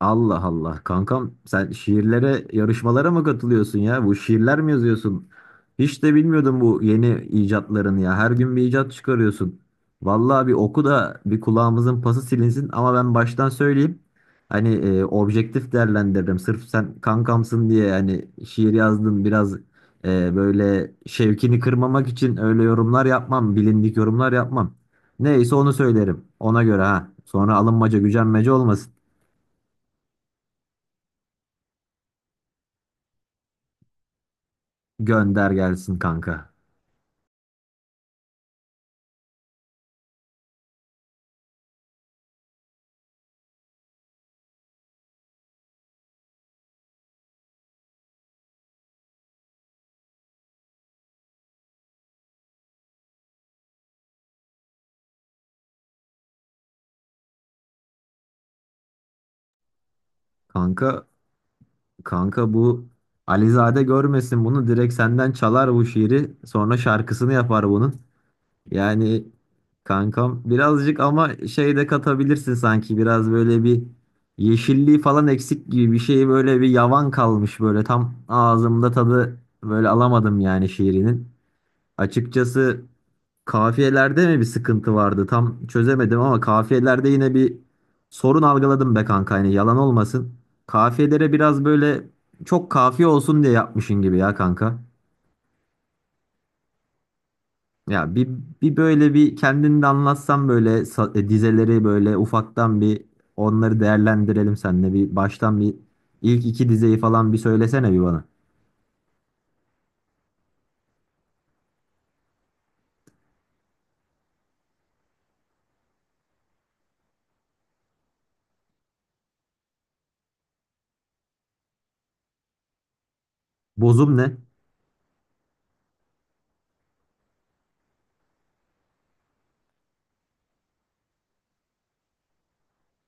Allah Allah kankam sen şiirlere yarışmalara mı katılıyorsun ya? Bu şiirler mi yazıyorsun? Hiç de bilmiyordum bu yeni icatlarını ya. Her gün bir icat çıkarıyorsun. Vallahi bir oku da bir kulağımızın pası silinsin ama ben baştan söyleyeyim. Hani objektif değerlendiririm. Sırf sen kankamsın diye hani şiir yazdın biraz böyle şevkini kırmamak için öyle yorumlar yapmam. Bilindik yorumlar yapmam. Neyse onu söylerim. Ona göre ha. Sonra alınmaca gücenmece olmasın. Gönder gelsin kanka. Kanka kanka bu Alizade görmesin bunu direkt senden çalar bu şiiri sonra şarkısını yapar bunun. Yani kankam birazcık ama şey de katabilirsin sanki biraz böyle bir yeşilliği falan eksik gibi bir şey böyle bir yavan kalmış böyle tam ağzımda tadı böyle alamadım yani şiirinin. Açıkçası kafiyelerde mi bir sıkıntı vardı? Tam çözemedim ama kafiyelerde yine bir sorun algıladım be kanka. Yani yalan olmasın. Kafiyelere biraz böyle çok kafiye olsun diye yapmışın gibi ya kanka. Ya bir böyle bir kendini de anlatsan böyle dizeleri böyle ufaktan bir onları değerlendirelim seninle. Bir baştan bir ilk iki dizeyi falan bir söylesene bir bana. Bozum ne?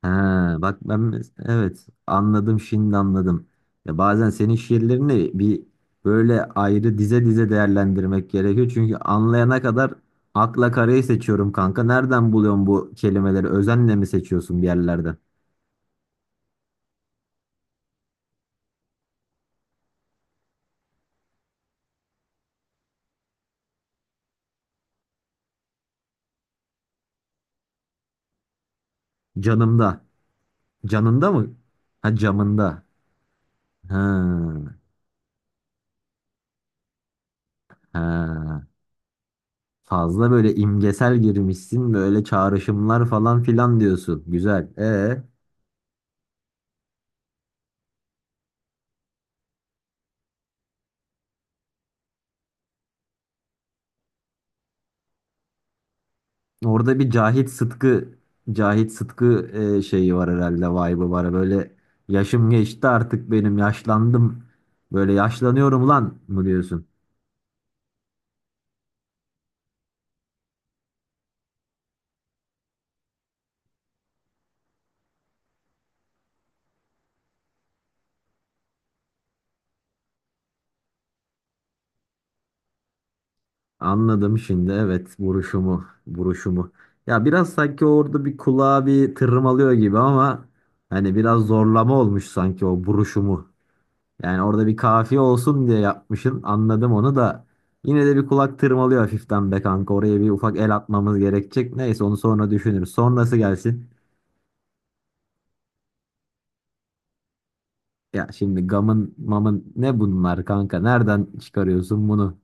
Ha, bak ben evet anladım şimdi anladım. Ya bazen senin şiirlerini bir böyle ayrı dize dize değerlendirmek gerekiyor. Çünkü anlayana kadar akla karayı seçiyorum kanka. Nereden buluyorsun bu kelimeleri? Özenle mi seçiyorsun bir yerlerden? Canımda. Canında mı? Ha camında. Ha, ha. Fazla böyle imgesel girmişsin. Böyle çağrışımlar falan filan diyorsun. Güzel. Orada bir Cahit Sıtkı şeyi var herhalde vibe'ı var. Böyle yaşım geçti artık benim yaşlandım. Böyle yaşlanıyorum lan mı diyorsun? Anladım şimdi evet vuruşumu vuruşumu. Ya biraz sanki orada bir kulağa bir tırmalıyor gibi ama hani biraz zorlama olmuş sanki o vuruşumu. Yani orada bir kafiye olsun diye yapmışsın. Anladım onu da. Yine de bir kulak tırmalıyor hafiften be kanka. Oraya bir ufak el atmamız gerekecek. Neyse onu sonra düşünürüz. Sonrası gelsin. Ya şimdi gamın mamın ne bunlar kanka? Nereden çıkarıyorsun bunu?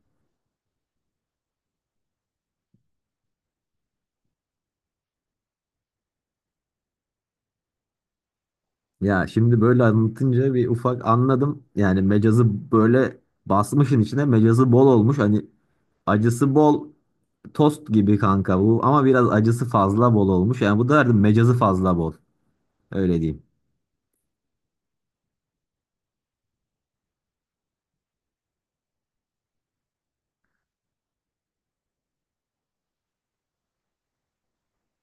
Ya şimdi böyle anlatınca bir ufak anladım. Yani mecazı böyle basmışın içine mecazı bol olmuş. Hani acısı bol tost gibi kanka bu. Ama biraz acısı fazla bol olmuş. Yani bu derdim mecazı fazla bol. Öyle diyeyim.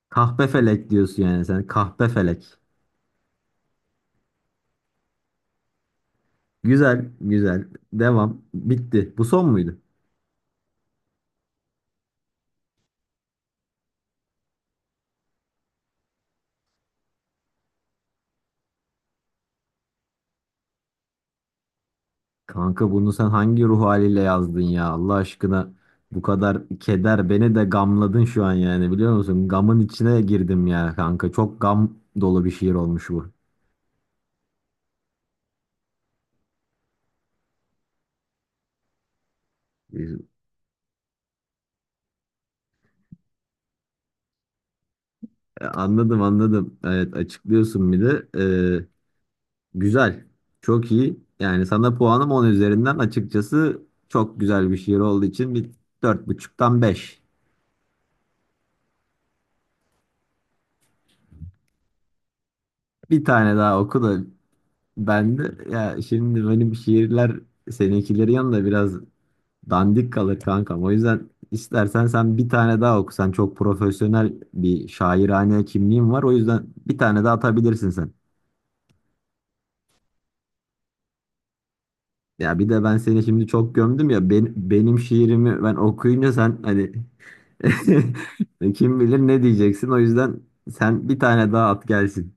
Kahpefelek diyorsun yani sen. Kahpefelek. Güzel, güzel. Devam. Bitti. Bu son muydu? Kanka bunu sen hangi ruh haliyle yazdın ya? Allah aşkına bu kadar keder beni de gamladın şu an yani biliyor musun? Gamın içine girdim ya kanka. Çok gam dolu bir şiir olmuş bu. Anladım anladım. Evet açıklıyorsun bir de. Ee, güzel. Çok iyi. Yani sana puanım 10 üzerinden açıkçası çok güzel bir şiir olduğu için bir 4,5'tan 5. Bir tane daha oku da ben de ya şimdi benim şiirler seninkileri yanında biraz dandik kalır kankam. O yüzden istersen sen bir tane daha oku. Sen çok profesyonel bir şairane kimliğin var. O yüzden bir tane daha atabilirsin sen. Ya bir de ben seni şimdi çok gömdüm ya benim şiirimi ben okuyunca sen hani kim bilir ne diyeceksin. O yüzden sen bir tane daha at gelsin.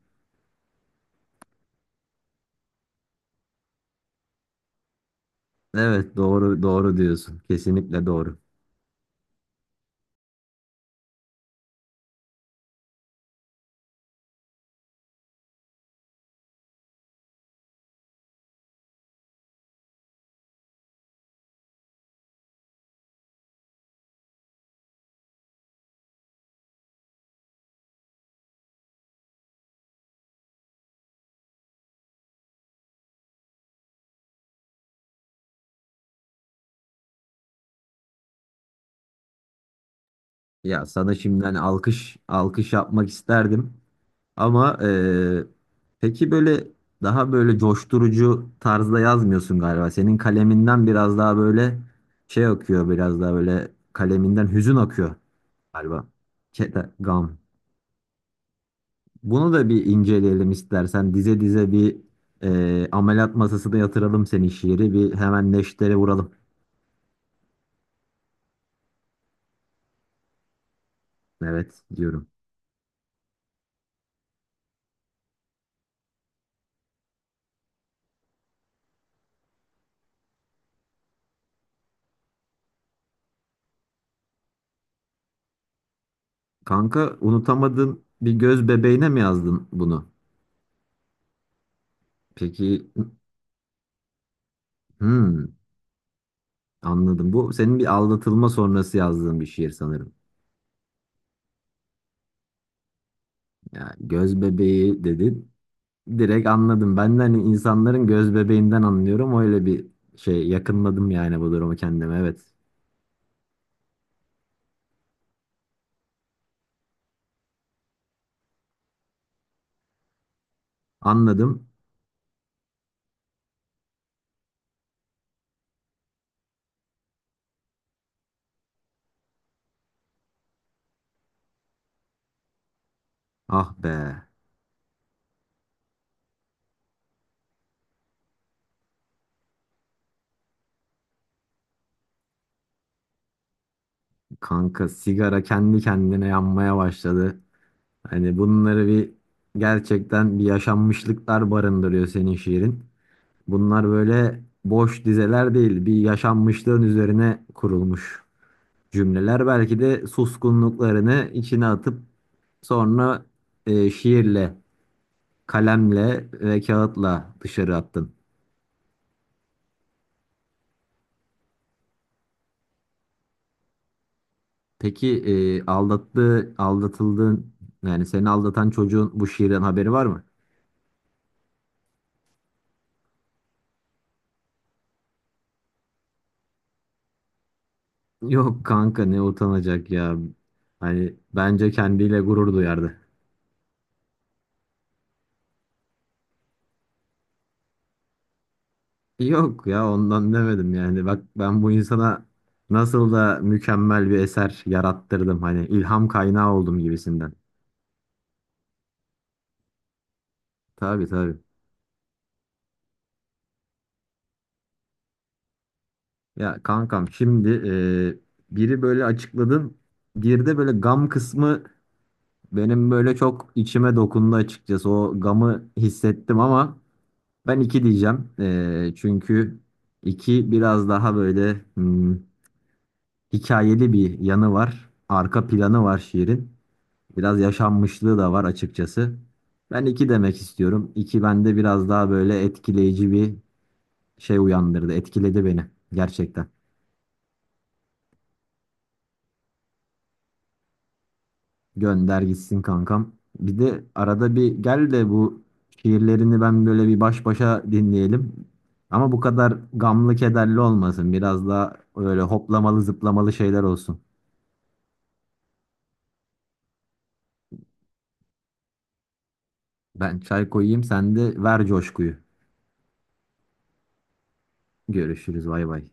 Evet doğru doğru diyorsun. Kesinlikle doğru. Ya sana şimdiden alkış alkış yapmak isterdim ama peki böyle daha böyle coşturucu tarzda yazmıyorsun galiba. Senin kaleminden biraz daha böyle şey akıyor biraz daha böyle kaleminden hüzün akıyor galiba. Keder, gam. Bunu da bir inceleyelim istersen dize dize bir ameliyat masasına yatıralım senin şiiri bir hemen neşteri vuralım. Evet diyorum. Kanka unutamadığın bir göz bebeğine mi yazdın bunu? Peki. Hmm, anladım. Bu senin bir aldatılma sonrası yazdığın bir şiir sanırım. Ya göz bebeği dedin. Direkt anladım. Ben de hani insanların göz bebeğinden anlıyorum. Öyle bir şey yakınladım yani bu durumu kendime. Evet. Anladım. Ah be. Kanka sigara kendi kendine yanmaya başladı. Hani bunları bir gerçekten bir yaşanmışlıklar barındırıyor senin şiirin. Bunlar böyle boş dizeler değil. Bir yaşanmışlığın üzerine kurulmuş cümleler belki de suskunluklarını içine atıp sonra şiirle, kalemle ve kağıtla dışarı attın. Peki aldatıldığın yani seni aldatan çocuğun bu şiirden haberi var mı? Yok kanka ne utanacak ya. Hani bence kendiyle gurur duyardı. Yok ya ondan demedim yani. Bak ben bu insana nasıl da mükemmel bir eser yarattırdım hani ilham kaynağı oldum gibisinden. Tabii tabii. Ya kankam şimdi biri böyle açıkladın. Bir de böyle gam kısmı benim böyle çok içime dokundu açıkçası. O gamı hissettim ama ben iki diyeceğim. Çünkü iki biraz daha böyle hikayeli bir yanı var. Arka planı var şiirin. Biraz yaşanmışlığı da var açıkçası. Ben iki demek istiyorum. İki bende biraz daha böyle etkileyici bir şey uyandırdı. Etkiledi beni gerçekten. Gönder gitsin kankam. Bir de arada bir gel de bu şiirlerini ben böyle bir baş başa dinleyelim. Ama bu kadar gamlı kederli olmasın. Biraz daha öyle hoplamalı zıplamalı şeyler olsun. Ben çay koyayım sen de ver coşkuyu. Görüşürüz bay bay.